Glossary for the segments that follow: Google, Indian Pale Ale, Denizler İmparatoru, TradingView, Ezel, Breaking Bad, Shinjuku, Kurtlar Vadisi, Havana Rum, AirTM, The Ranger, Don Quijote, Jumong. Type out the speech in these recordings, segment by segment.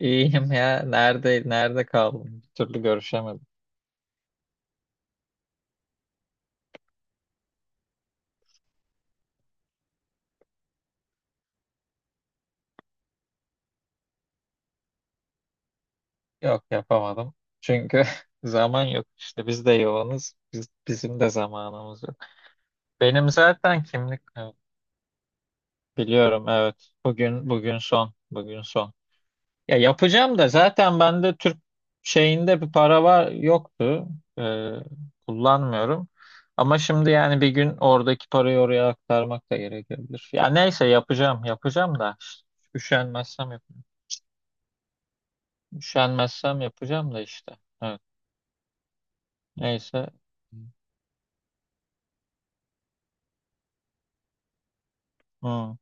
İyiyim ya. Nerede kaldım? Bir türlü görüşemedim. Yok, yapamadım. Çünkü zaman yok işte. Biz de yoğunuz. Bizim de zamanımız yok. Benim zaten kimlik, evet, biliyorum, evet. Bugün bugün son. Bugün son. Ya yapacağım da, zaten bende Türk şeyinde bir para var yoktu. Ee, kullanmıyorum. Ama şimdi yani bir gün oradaki parayı oraya aktarmak da gerekebilir. Ya neyse, yapacağım yapacağım da üşenmezsem yapacağım. Üşenmezsem yapacağım da işte. Evet. Neyse. Hı.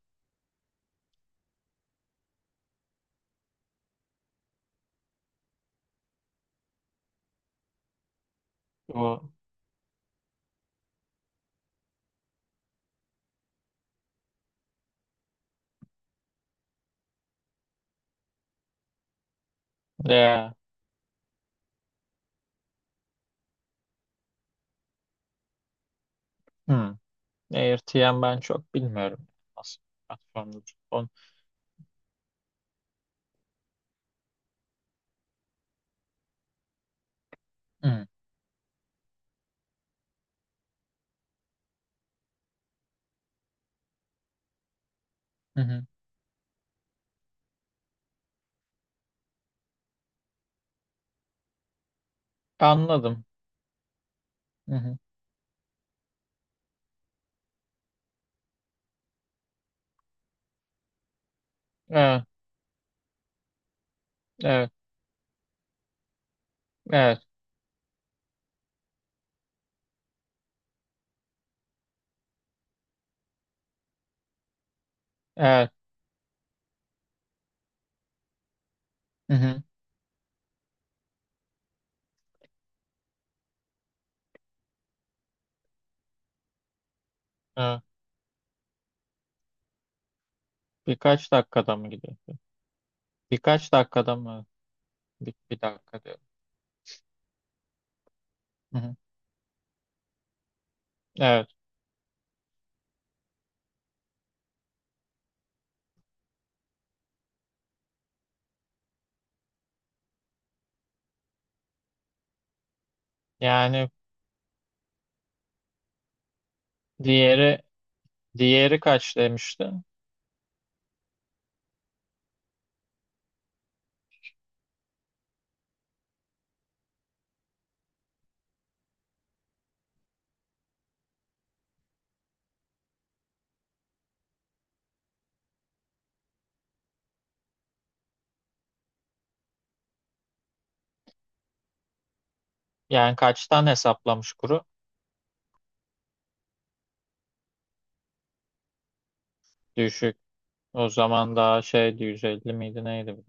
Bu ya. Hı. AirTM ben çok bilmiyorum. Nasıl bir platformda telefon. Hı. Hı hı. Anladım. Hı hı. Evet. Evet. Evet. Evet. Hı hı. Evet. Birkaç dakikada mı gidiyor? Birkaç dakikada mı? Bir dakika diyorum. Hı hı. Evet. Yani diğeri diğeri kaç demişti? Yani kaçtan hesaplamış kuru? Düşük. O zaman daha şeydi, 150 miydi neydi bu?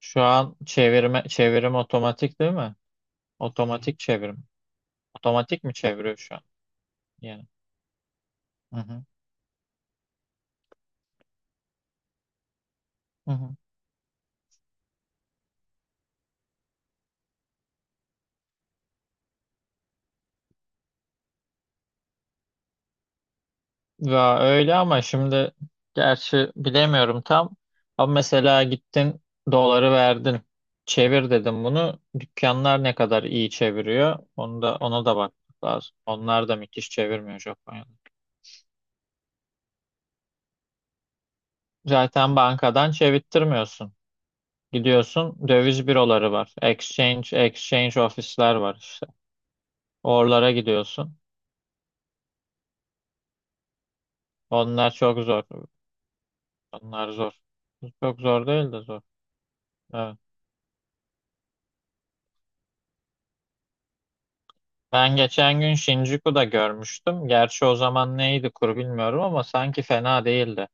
Şu an çevirme, çevirim otomatik değil mi? Otomatik çevirim. Otomatik mi çeviriyor şu an? Yani. Hı hı. Hı hı. Ya öyle, ama şimdi gerçi bilemiyorum tam. Ama mesela gittin, doları verdin. Çevir dedim bunu. Dükkanlar ne kadar iyi çeviriyor? Onu da, ona da bakmak lazım. Onlar da müthiş çevirmiyor Japonya'da. Zaten bankadan çevirttirmiyorsun. Gidiyorsun, döviz büroları var. Exchange ofisler var işte. Oralara gidiyorsun. Onlar çok zor. Onlar zor. Çok zor değil de zor. Evet. Ben geçen gün Shinjuku'da görmüştüm. Gerçi o zaman neydi kur bilmiyorum, ama sanki fena değildi.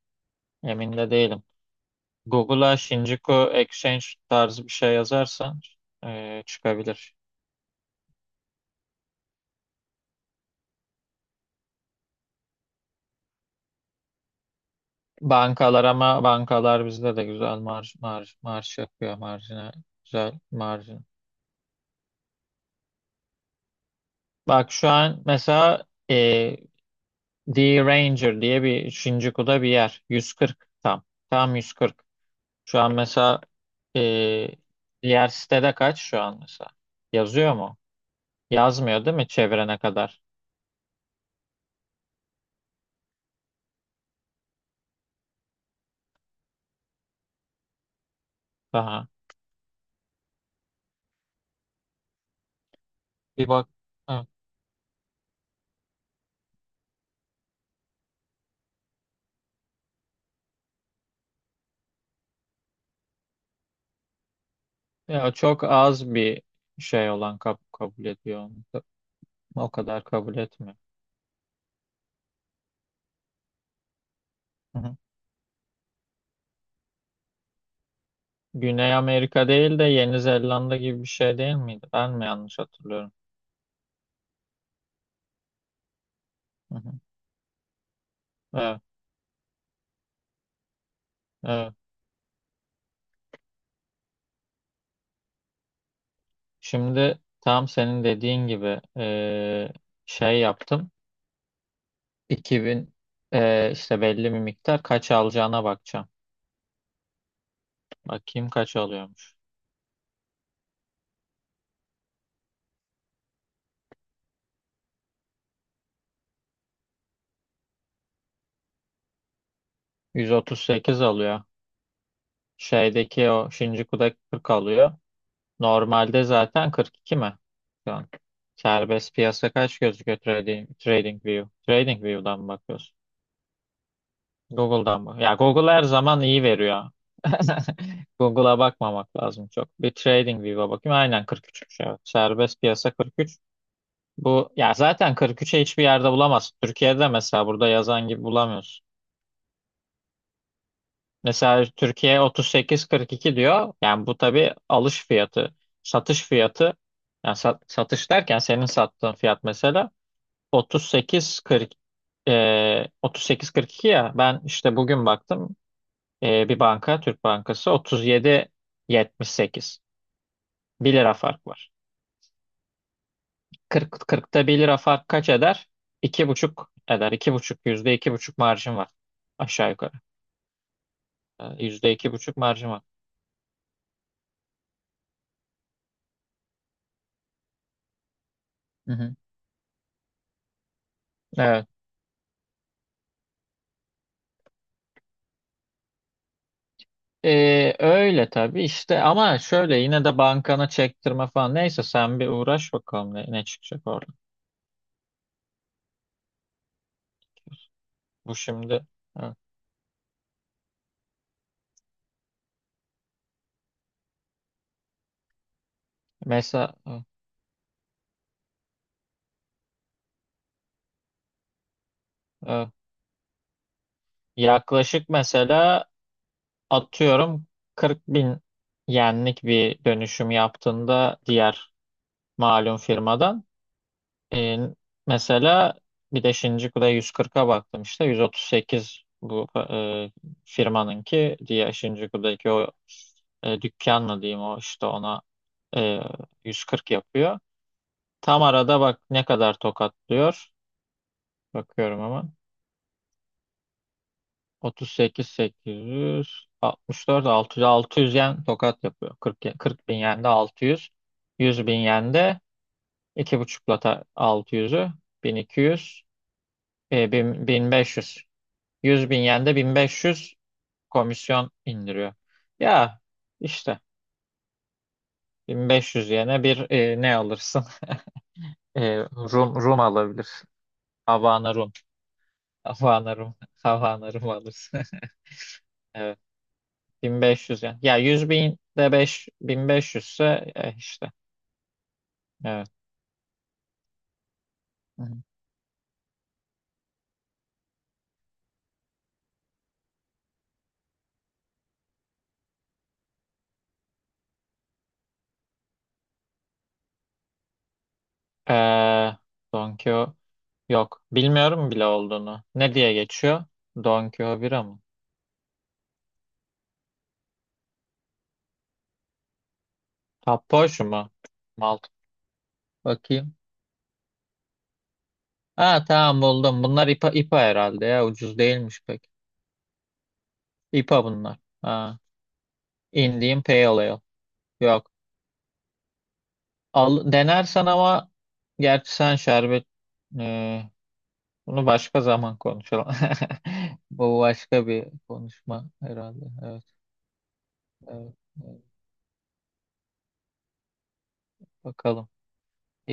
Emin de değilim. Google'a Shinjuku Exchange tarzı bir şey yazarsan çıkabilir. Bankalar, ama bankalar bizde de güzel marj yapıyor marjine. Güzel marj. Bak şu an mesela, The Ranger diye bir Shinjuku'da bir yer. 140 tam. Tam 140. Şu an mesela, e, diğer sitede kaç şu an mesela? Yazıyor mu? Yazmıyor değil mi çevrene kadar? Daha. Bir bak. Ha. Ya çok az bir şey olan kabul ediyor onu. O kadar kabul etmiyor. Hı hı. Güney Amerika değil de Yeni Zelanda gibi bir şey değil miydi? Ben mi yanlış hatırlıyorum? Hı hı. Evet. Evet. Şimdi tam senin dediğin gibi, şey yaptım. 2000, işte belli bir miktar kaç alacağına bakacağım. Bakayım kaç alıyormuş. 138 alıyor. Şeydeki o Shinjuku'da 40 alıyor. Normalde zaten 42 mi? Şu an. Serbest piyasa kaç gözüküyor, trading view? Trading view'dan mı bakıyorsun? Google'dan mı? Ya Google her zaman iyi veriyor. Google'a bakmamak lazım çok. Bir TradingView'a bakayım. Aynen 43'müş, evet. Serbest piyasa 43. Bu ya zaten 43'e hiçbir yerde bulamazsın. Türkiye'de mesela burada yazan gibi bulamıyorsun. Mesela Türkiye 38-42 diyor. Yani bu tabii alış fiyatı, satış fiyatı. Yani satış derken senin sattığın fiyat mesela 38-40, 38-42 ya. Ben işte bugün baktım. Bir banka, Türk Bankası 37,78. Bir lira fark var. 40, 40'ta bir lira fark kaç eder? İki buçuk eder. İki buçuk, yüzde iki buçuk marjım var. Aşağı yukarı. Yüzde iki buçuk marjım var. Hı hı. Evet. Öyle tabii işte, ama şöyle yine de bankana çektirme falan, neyse sen bir uğraş, bakalım ne çıkacak orada. Bu şimdi, evet. Mesela evet, evet. Yaklaşık mesela, atıyorum, 40 bin yenlik bir dönüşüm yaptığında diğer malum firmadan, e, mesela bir de Shinjuku'da 140'a baktım işte, 138 bu, firmanınki diye Shinjuku'daki o dükkan mı diyeyim, o işte ona, e, 140 yapıyor. Tam arada bak ne kadar tokatlıyor. Bakıyorum, 38.864, 600, 600 yen tokat yapıyor. 40 40 bin yen de 600. 100 bin yen de 2,5'la 600'ü, 1200, 1500. 100 bin yen de 1500 komisyon indiriyor. Ya işte 1500 yene bir, ne alırsın? E, Rum alabilir. Havana Rum. Havana Rum. Havana Rum alırsın. Evet. 1500 yani. Ya 100 bin de 5, 1500 ise, işte. Evet. Hı hı. Ee, Don Quijote, yok. Bilmiyorum bile olduğunu. Ne diye geçiyor? Don Quijote bira mı? Tapboş mu? Malt. Bakayım. Ha, tamam, buldum. Bunlar IPA herhalde ya. Ucuz değilmiş pek. IPA bunlar. Ha. Indian Pale Ale. Yok. Al, denersen, ama gerçi sen şerbet, e, bunu başka zaman konuşalım. Bu başka bir konuşma herhalde. Evet, evet, evet. Bakalım.